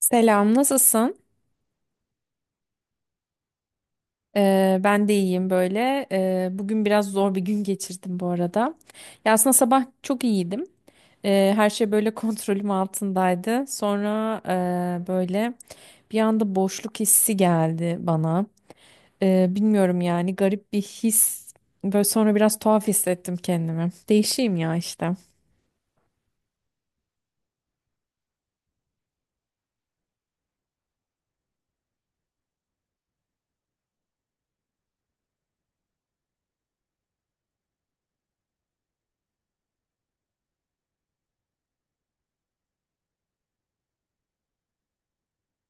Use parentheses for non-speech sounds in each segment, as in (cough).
Selam, nasılsın? Ben de iyiyim böyle. Bugün biraz zor bir gün geçirdim bu arada. Ya aslında sabah çok iyiydim. Her şey böyle (laughs) kontrolüm altındaydı. Sonra böyle bir anda boşluk hissi geldi bana. Bilmiyorum yani garip bir his. Böyle sonra biraz tuhaf hissettim kendimi. Değişeyim ya işte.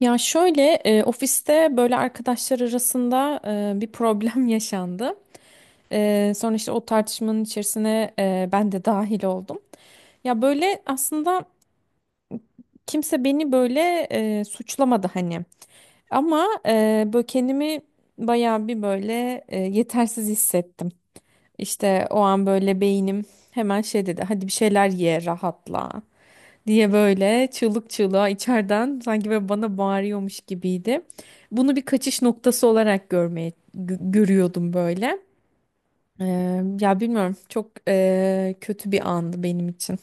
Ya şöyle ofiste böyle arkadaşlar arasında bir problem (laughs) yaşandı. Sonra işte o tartışmanın içerisine ben de dahil oldum. Ya böyle aslında kimse beni böyle suçlamadı hani. Ama böyle kendimi bayağı bir böyle yetersiz hissettim. İşte o an böyle beynim hemen şey dedi. Hadi bir şeyler ye, rahatla diye böyle çığlık çığlığa içeriden sanki böyle bana bağırıyormuş gibiydi. Bunu bir kaçış noktası olarak görmeye görüyordum böyle. Ya bilmiyorum çok kötü bir andı benim için.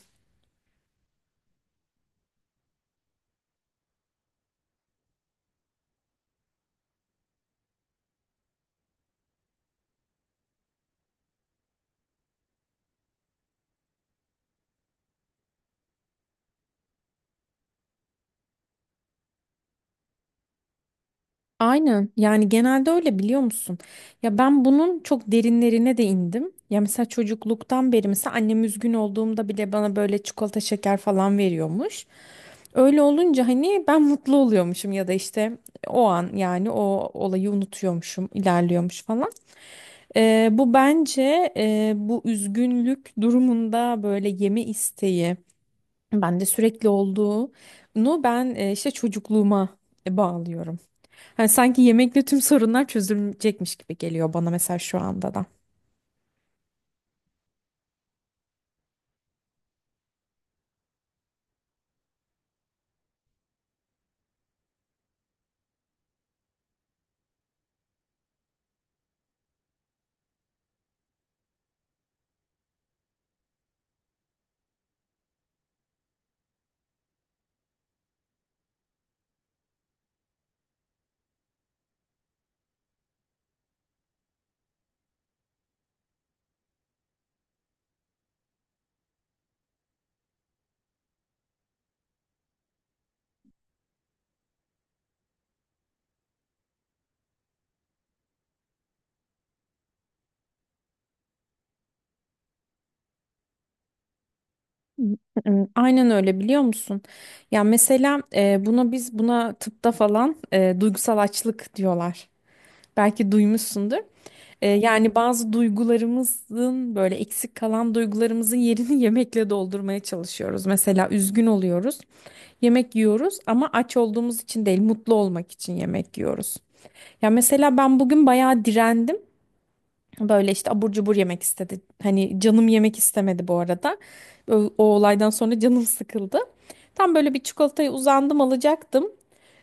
Aynen yani genelde öyle biliyor musun? Ya ben bunun çok derinlerine de indim. Ya mesela çocukluktan beri mesela annem üzgün olduğumda bile bana böyle çikolata şeker falan veriyormuş. Öyle olunca hani ben mutlu oluyormuşum ya da işte o an yani o olayı unutuyormuşum, ilerliyormuş falan. Bu bence bu üzgünlük durumunda böyle yeme isteği bende sürekli olduğunu ben işte çocukluğuma bağlıyorum. Hani sanki yemekle tüm sorunlar çözülecekmiş gibi geliyor bana mesela şu anda da. Hmm, aynen öyle biliyor musun? Ya mesela buna buna tıpta falan duygusal açlık diyorlar. Belki duymuşsundur. Yani bazı duygularımızın böyle eksik kalan duygularımızın yerini (laughs) yemekle doldurmaya çalışıyoruz. Mesela üzgün oluyoruz, yemek yiyoruz ama aç olduğumuz için değil, mutlu olmak için yemek yiyoruz. Ya mesela ben bugün bayağı direndim. Böyle işte abur cubur yemek istedi. Hani canım yemek istemedi bu arada. O, olaydan sonra canım sıkıldı. Tam böyle bir çikolatayı uzandım alacaktım.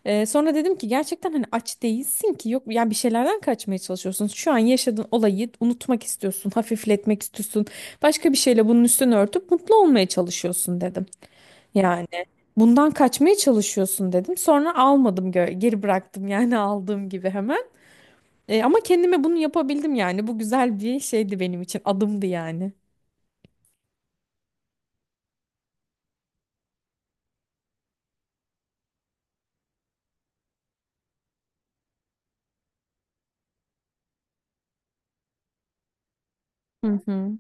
Sonra dedim ki gerçekten hani aç değilsin ki yok yani bir şeylerden kaçmaya çalışıyorsun. Şu an yaşadığın olayı unutmak istiyorsun, hafifletmek istiyorsun. Başka bir şeyle bunun üstünü örtüp mutlu olmaya çalışıyorsun dedim. Yani bundan kaçmaya çalışıyorsun dedim. Sonra almadım geri bıraktım yani (laughs) aldığım gibi hemen. Ama kendime bunu yapabildim yani. Bu güzel bir şeydi benim için. Adımdı yani. Hı hı.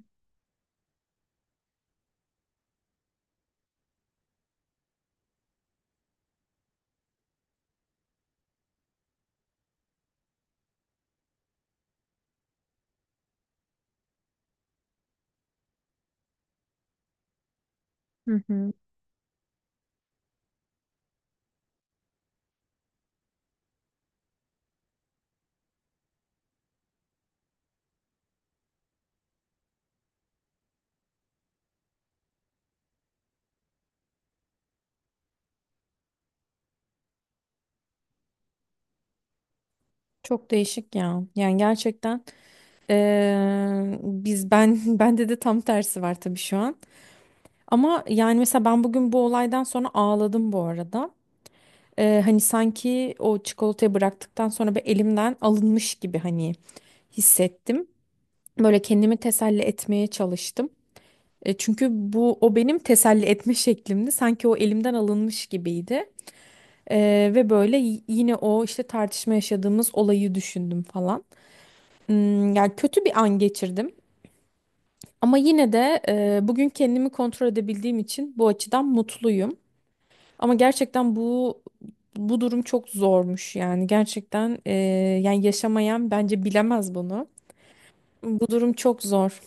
Hı hı. Çok değişik ya. Yani gerçekten ben (laughs) bende de tam tersi var tabii şu an. Ama yani mesela ben bugün bu olaydan sonra ağladım bu arada. Hani sanki o çikolatayı bıraktıktan sonra bir elimden alınmış gibi hani hissettim. Böyle kendimi teselli etmeye çalıştım. Çünkü bu o benim teselli etme şeklimdi. Sanki o elimden alınmış gibiydi. Ve böyle yine o işte tartışma yaşadığımız olayı düşündüm falan. Hmm, yani kötü bir an geçirdim. Ama yine de bugün kendimi kontrol edebildiğim için bu açıdan mutluyum. Ama gerçekten bu durum çok zormuş yani gerçekten yani yaşamayan bence bilemez bunu. Bu durum çok zor.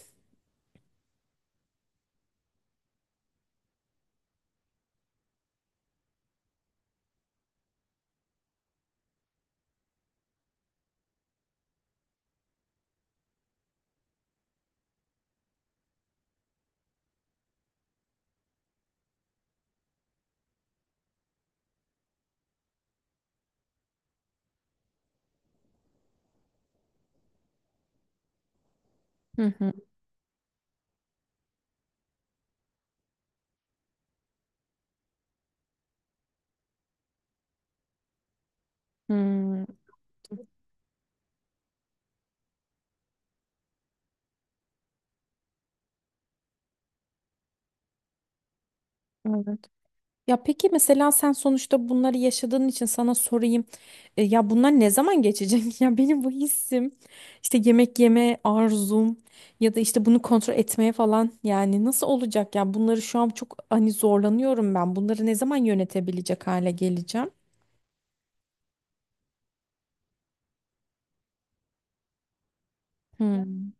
Hı hı. Hmm, evet. Ya peki mesela sen sonuçta bunları yaşadığın için sana sorayım. Ya bunlar ne zaman geçecek? (laughs) Ya benim bu hissim, işte yemek yeme arzum ya da işte bunu kontrol etmeye falan yani nasıl olacak ya? Bunları şu an çok hani zorlanıyorum ben. Bunları ne zaman yönetebilecek hale geleceğim? Hmm.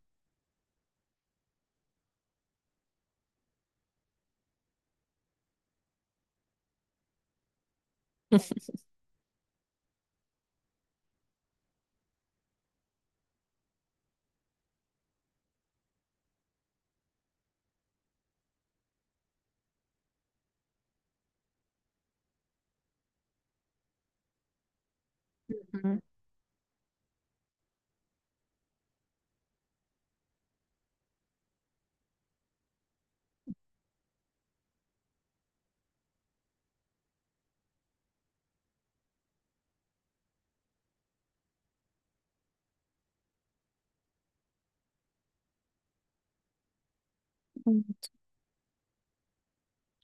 (laughs)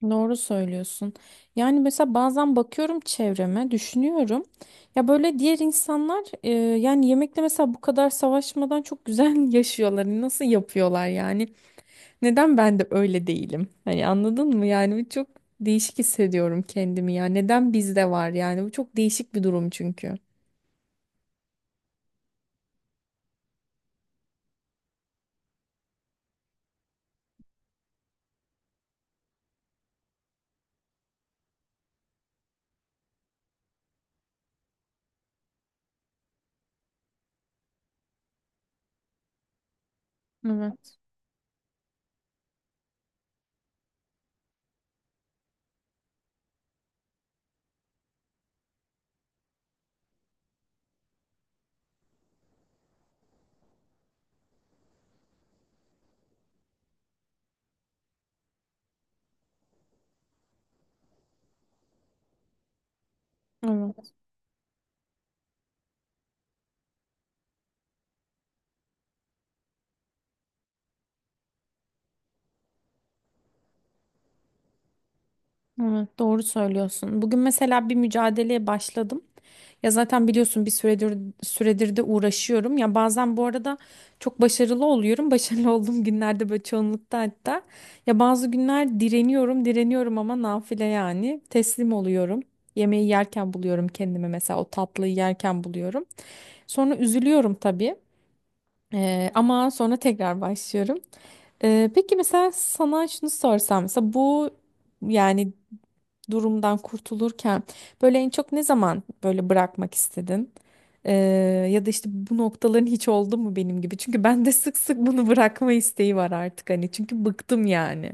Doğru söylüyorsun. Yani mesela bazen bakıyorum çevreme, düşünüyorum. Ya böyle diğer insanlar yani yemekle mesela bu kadar savaşmadan çok güzel (laughs) yaşıyorlar. Hani nasıl yapıyorlar yani? Neden ben de öyle değilim? Hani anladın mı? Yani bu çok değişik hissediyorum kendimi ya. Neden bizde var yani? Bu çok değişik bir durum çünkü. Evet, evet. Evet, doğru söylüyorsun. Bugün mesela bir mücadeleye başladım. Ya zaten biliyorsun bir süredir de uğraşıyorum. Ya bazen bu arada çok başarılı oluyorum. (laughs) Başarılı olduğum günlerde böyle çoğunlukta hatta. Ya bazı günler direniyorum, direniyorum ama nafile yani. Teslim oluyorum. Yemeği yerken buluyorum kendimi mesela o tatlıyı yerken buluyorum. Sonra üzülüyorum tabii. Ama sonra tekrar başlıyorum. Peki mesela sana şunu sorsam mesela bu yani durumdan kurtulurken böyle en çok ne zaman böyle bırakmak istedin? Ee, Ya da işte bu noktaların hiç oldu mu benim gibi? Çünkü ben de sık sık bunu bırakma isteği var artık hani çünkü bıktım yani.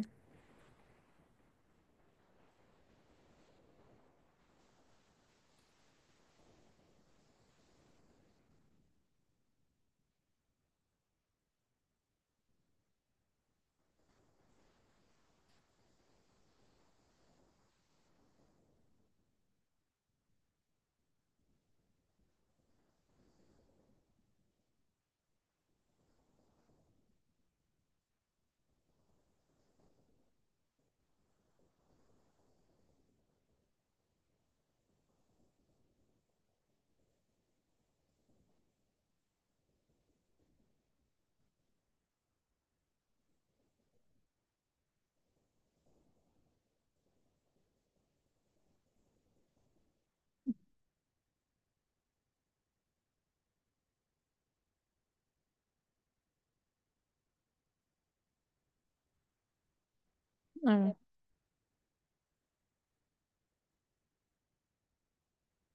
Evet.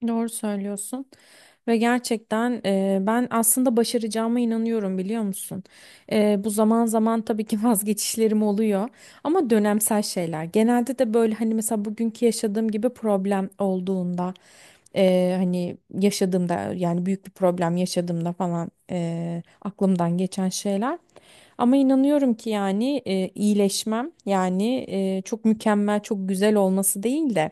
Doğru söylüyorsun ve gerçekten ben aslında başaracağıma inanıyorum biliyor musun? Bu zaman zaman tabii ki (laughs) vazgeçişlerim oluyor ama dönemsel şeyler. Genelde de böyle hani mesela bugünkü yaşadığım gibi problem olduğunda hani yaşadığımda yani büyük bir problem yaşadığımda falan aklımdan geçen şeyler. Ama inanıyorum ki yani iyileşmem yani çok mükemmel çok güzel olması değil de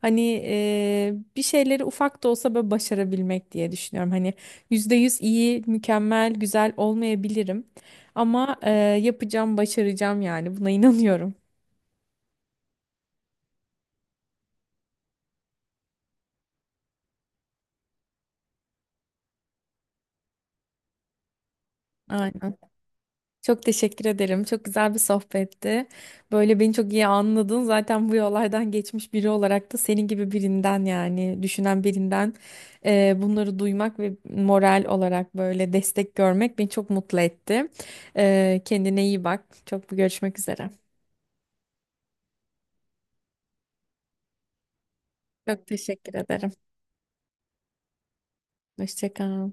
hani bir şeyleri ufak da olsa böyle başarabilmek diye düşünüyorum. Hani %100 iyi mükemmel güzel olmayabilirim ama yapacağım başaracağım yani buna (laughs) inanıyorum. Aynen. Çok teşekkür ederim. Çok güzel bir sohbetti. Böyle beni çok iyi anladın. Zaten bu yollardan geçmiş biri olarak da senin gibi birinden yani düşünen birinden bunları duymak ve moral olarak böyle destek görmek beni çok mutlu etti. Kendine iyi bak. Çok görüşmek üzere. Çok teşekkür ederim. Hoşça kal.